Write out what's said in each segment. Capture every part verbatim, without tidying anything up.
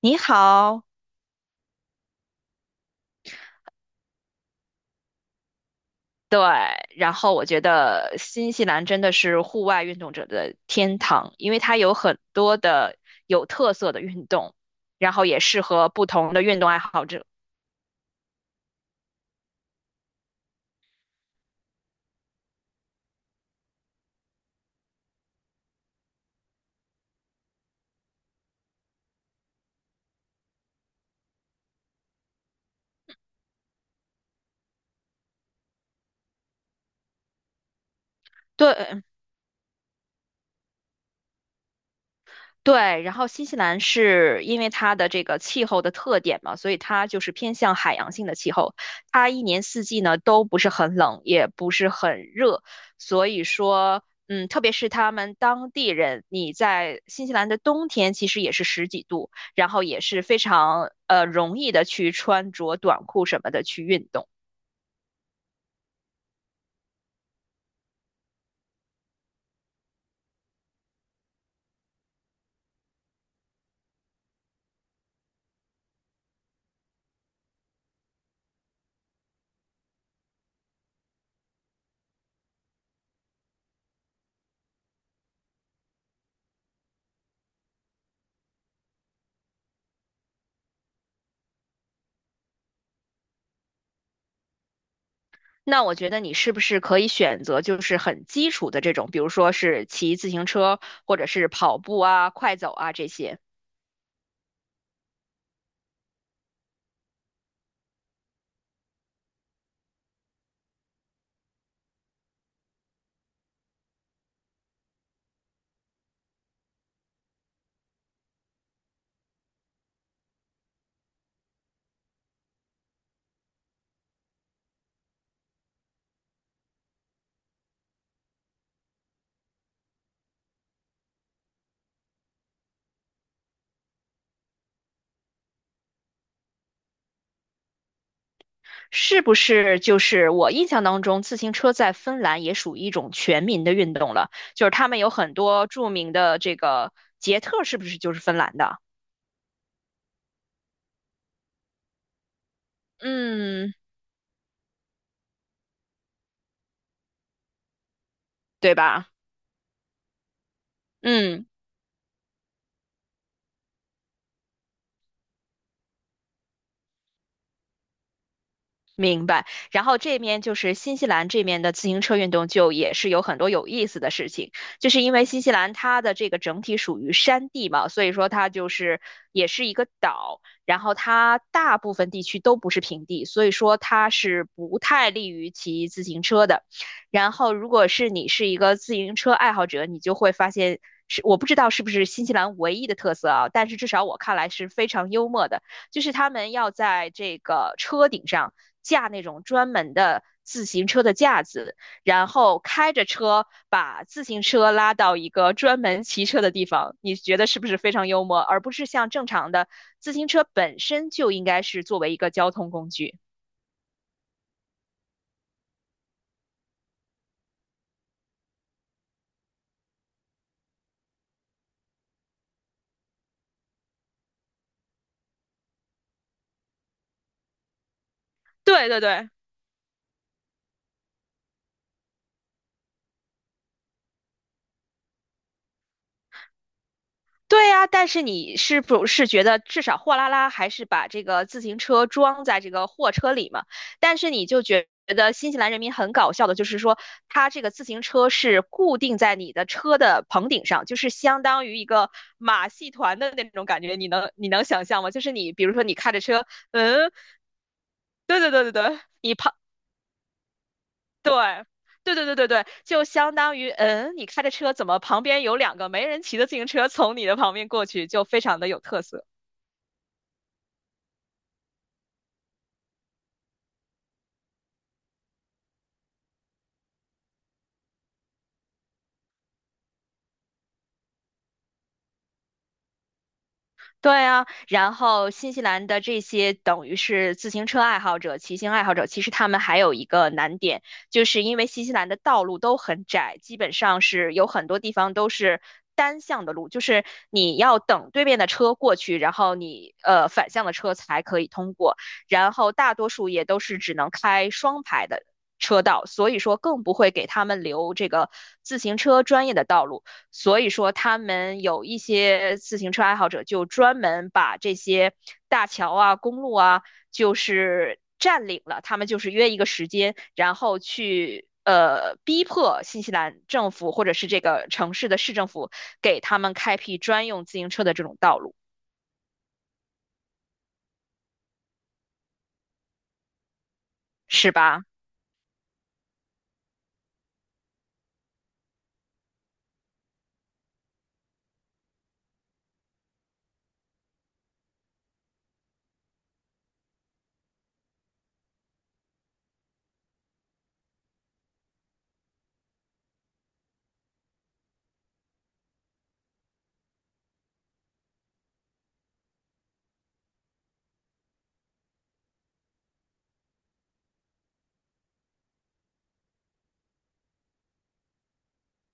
你好。对，然后我觉得新西兰真的是户外运动者的天堂，因为它有很多的有特色的运动，然后也适合不同的运动爱好者。对，对，然后新西兰是因为它的这个气候的特点嘛，所以它就是偏向海洋性的气候，它一年四季呢都不是很冷，也不是很热。所以说，嗯，特别是他们当地人，你在新西兰的冬天其实也是十几度，然后也是非常呃容易的去穿着短裤什么的去运动。那我觉得你是不是可以选择就是很基础的这种，比如说是骑自行车或者是跑步啊、快走啊这些。是不是就是我印象当中，自行车在芬兰也属于一种全民的运动了？就是他们有很多著名的这个捷特，是不是就是芬兰的？嗯，对吧？嗯。明白，然后这面就是新西兰这面的自行车运动，就也是有很多有意思的事情，就是因为新西兰它的这个整体属于山地嘛，所以说它就是也是一个岛，然后它大部分地区都不是平地，所以说它是不太利于骑自行车的。然后如果是你是一个自行车爱好者，你就会发现是我不知道是不是新西兰唯一的特色啊，但是至少我看来是非常幽默的，就是他们要在这个车顶上，架那种专门的自行车的架子，然后开着车把自行车拉到一个专门骑车的地方，你觉得是不是非常幽默？而不是像正常的自行车本身就应该是作为一个交通工具。对对对，对呀，但是你是不是觉得至少货拉拉还是把这个自行车装在这个货车里嘛？但是你就觉得新西兰人民很搞笑的，就是说他这个自行车是固定在你的车的棚顶上，就是相当于一个马戏团的那种感觉，你能你能想象吗？就是你比如说你开着车，嗯，对对对对对，你对，对对对对对，就相当于，嗯，你开着车怎么旁边有两个没人骑的自行车从你的旁边过去，就非常的有特色。对啊，然后新西兰的这些等于是自行车爱好者、骑行爱好者，其实他们还有一个难点，就是因为新西兰的道路都很窄，基本上是有很多地方都是单向的路，就是你要等对面的车过去，然后你呃反向的车才可以通过，然后大多数也都是只能开双排的车道，所以说更不会给他们留这个自行车专业的道路。所以说，他们有一些自行车爱好者就专门把这些大桥啊、公路啊，就是占领了。他们就是约一个时间，然后去呃逼迫新西兰政府或者是这个城市的市政府给他们开辟专用自行车的这种道路，是吧？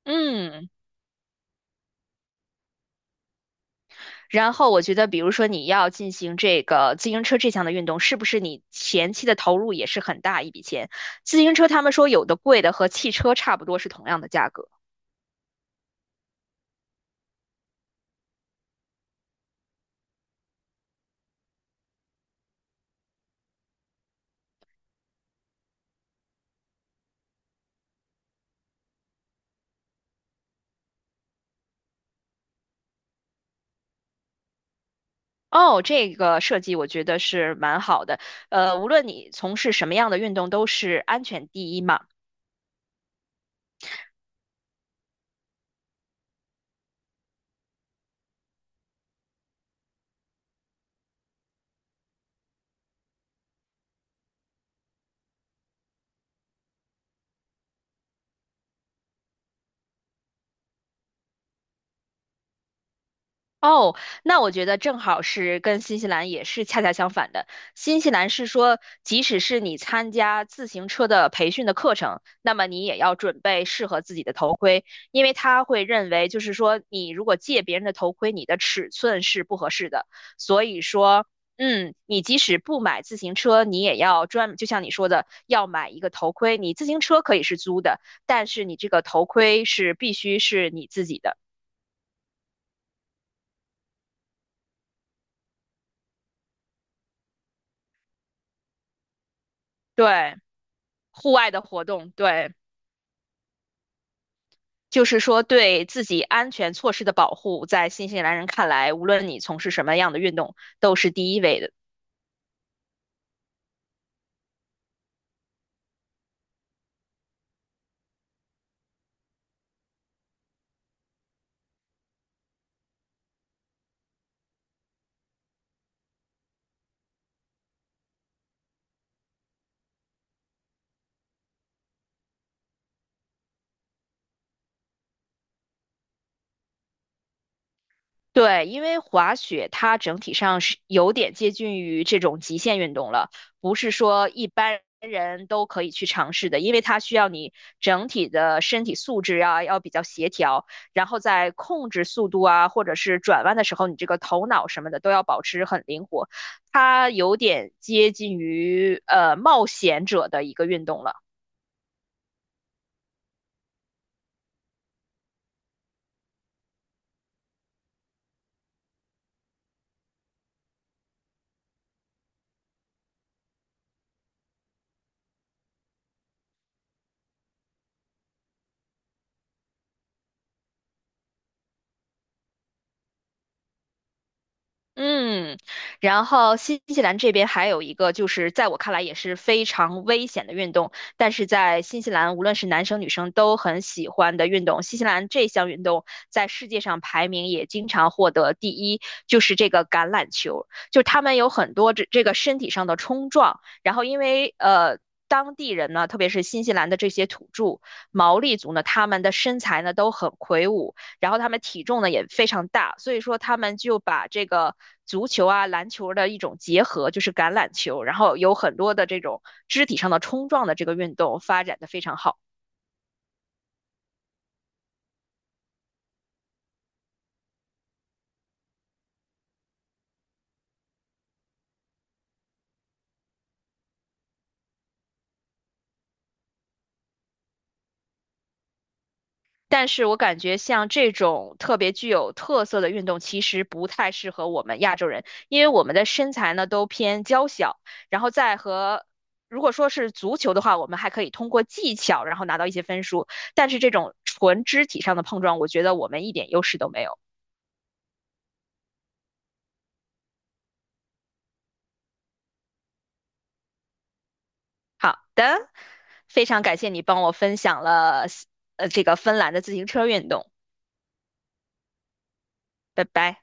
嗯。然后我觉得，比如说你要进行这个自行车这项的运动，是不是你前期的投入也是很大一笔钱？自行车他们说有的贵的和汽车差不多是同样的价格。哦，这个设计我觉得是蛮好的。呃，无论你从事什么样的运动，都是安全第一嘛。哦，那我觉得正好是跟新西兰也是恰恰相反的。新西兰是说，即使是你参加自行车的培训的课程，那么你也要准备适合自己的头盔，因为他会认为，就是说，你如果借别人的头盔，你的尺寸是不合适的。所以说，嗯，你即使不买自行车，你也要专，就像你说的，要买一个头盔。你自行车可以是租的，但是你这个头盔是必须是你自己的。对。户外的活动，对，就是说对自己安全措施的保护，在新西兰人看来，无论你从事什么样的运动，都是第一位的。对，因为滑雪它整体上是有点接近于这种极限运动了，不是说一般人都可以去尝试的，因为它需要你整体的身体素质啊，要比较协调，然后在控制速度啊，或者是转弯的时候，你这个头脑什么的都要保持很灵活，它有点接近于呃冒险者的一个运动了。嗯，然后新西兰这边还有一个，就是在我看来也是非常危险的运动，但是在新西兰无论是男生女生都很喜欢的运动。新西兰这项运动在世界上排名也经常获得第一，就是这个橄榄球，就他们有很多这这个身体上的冲撞，然后因为呃。当地人呢，特别是新西兰的这些土著毛利族呢，他们的身材呢都很魁梧，然后他们体重呢也非常大，所以说他们就把这个足球啊、篮球的一种结合，就是橄榄球，然后有很多的这种肢体上的冲撞的这个运动发展的非常好。但是我感觉像这种特别具有特色的运动，其实不太适合我们亚洲人，因为我们的身材呢都偏娇小，然后再和。如果说是足球的话，我们还可以通过技巧，然后拿到一些分数。但是这种纯肢体上的碰撞，我觉得我们一点优势都没有。好的，非常感谢你帮我分享了呃这个芬兰的自行车运动，拜拜。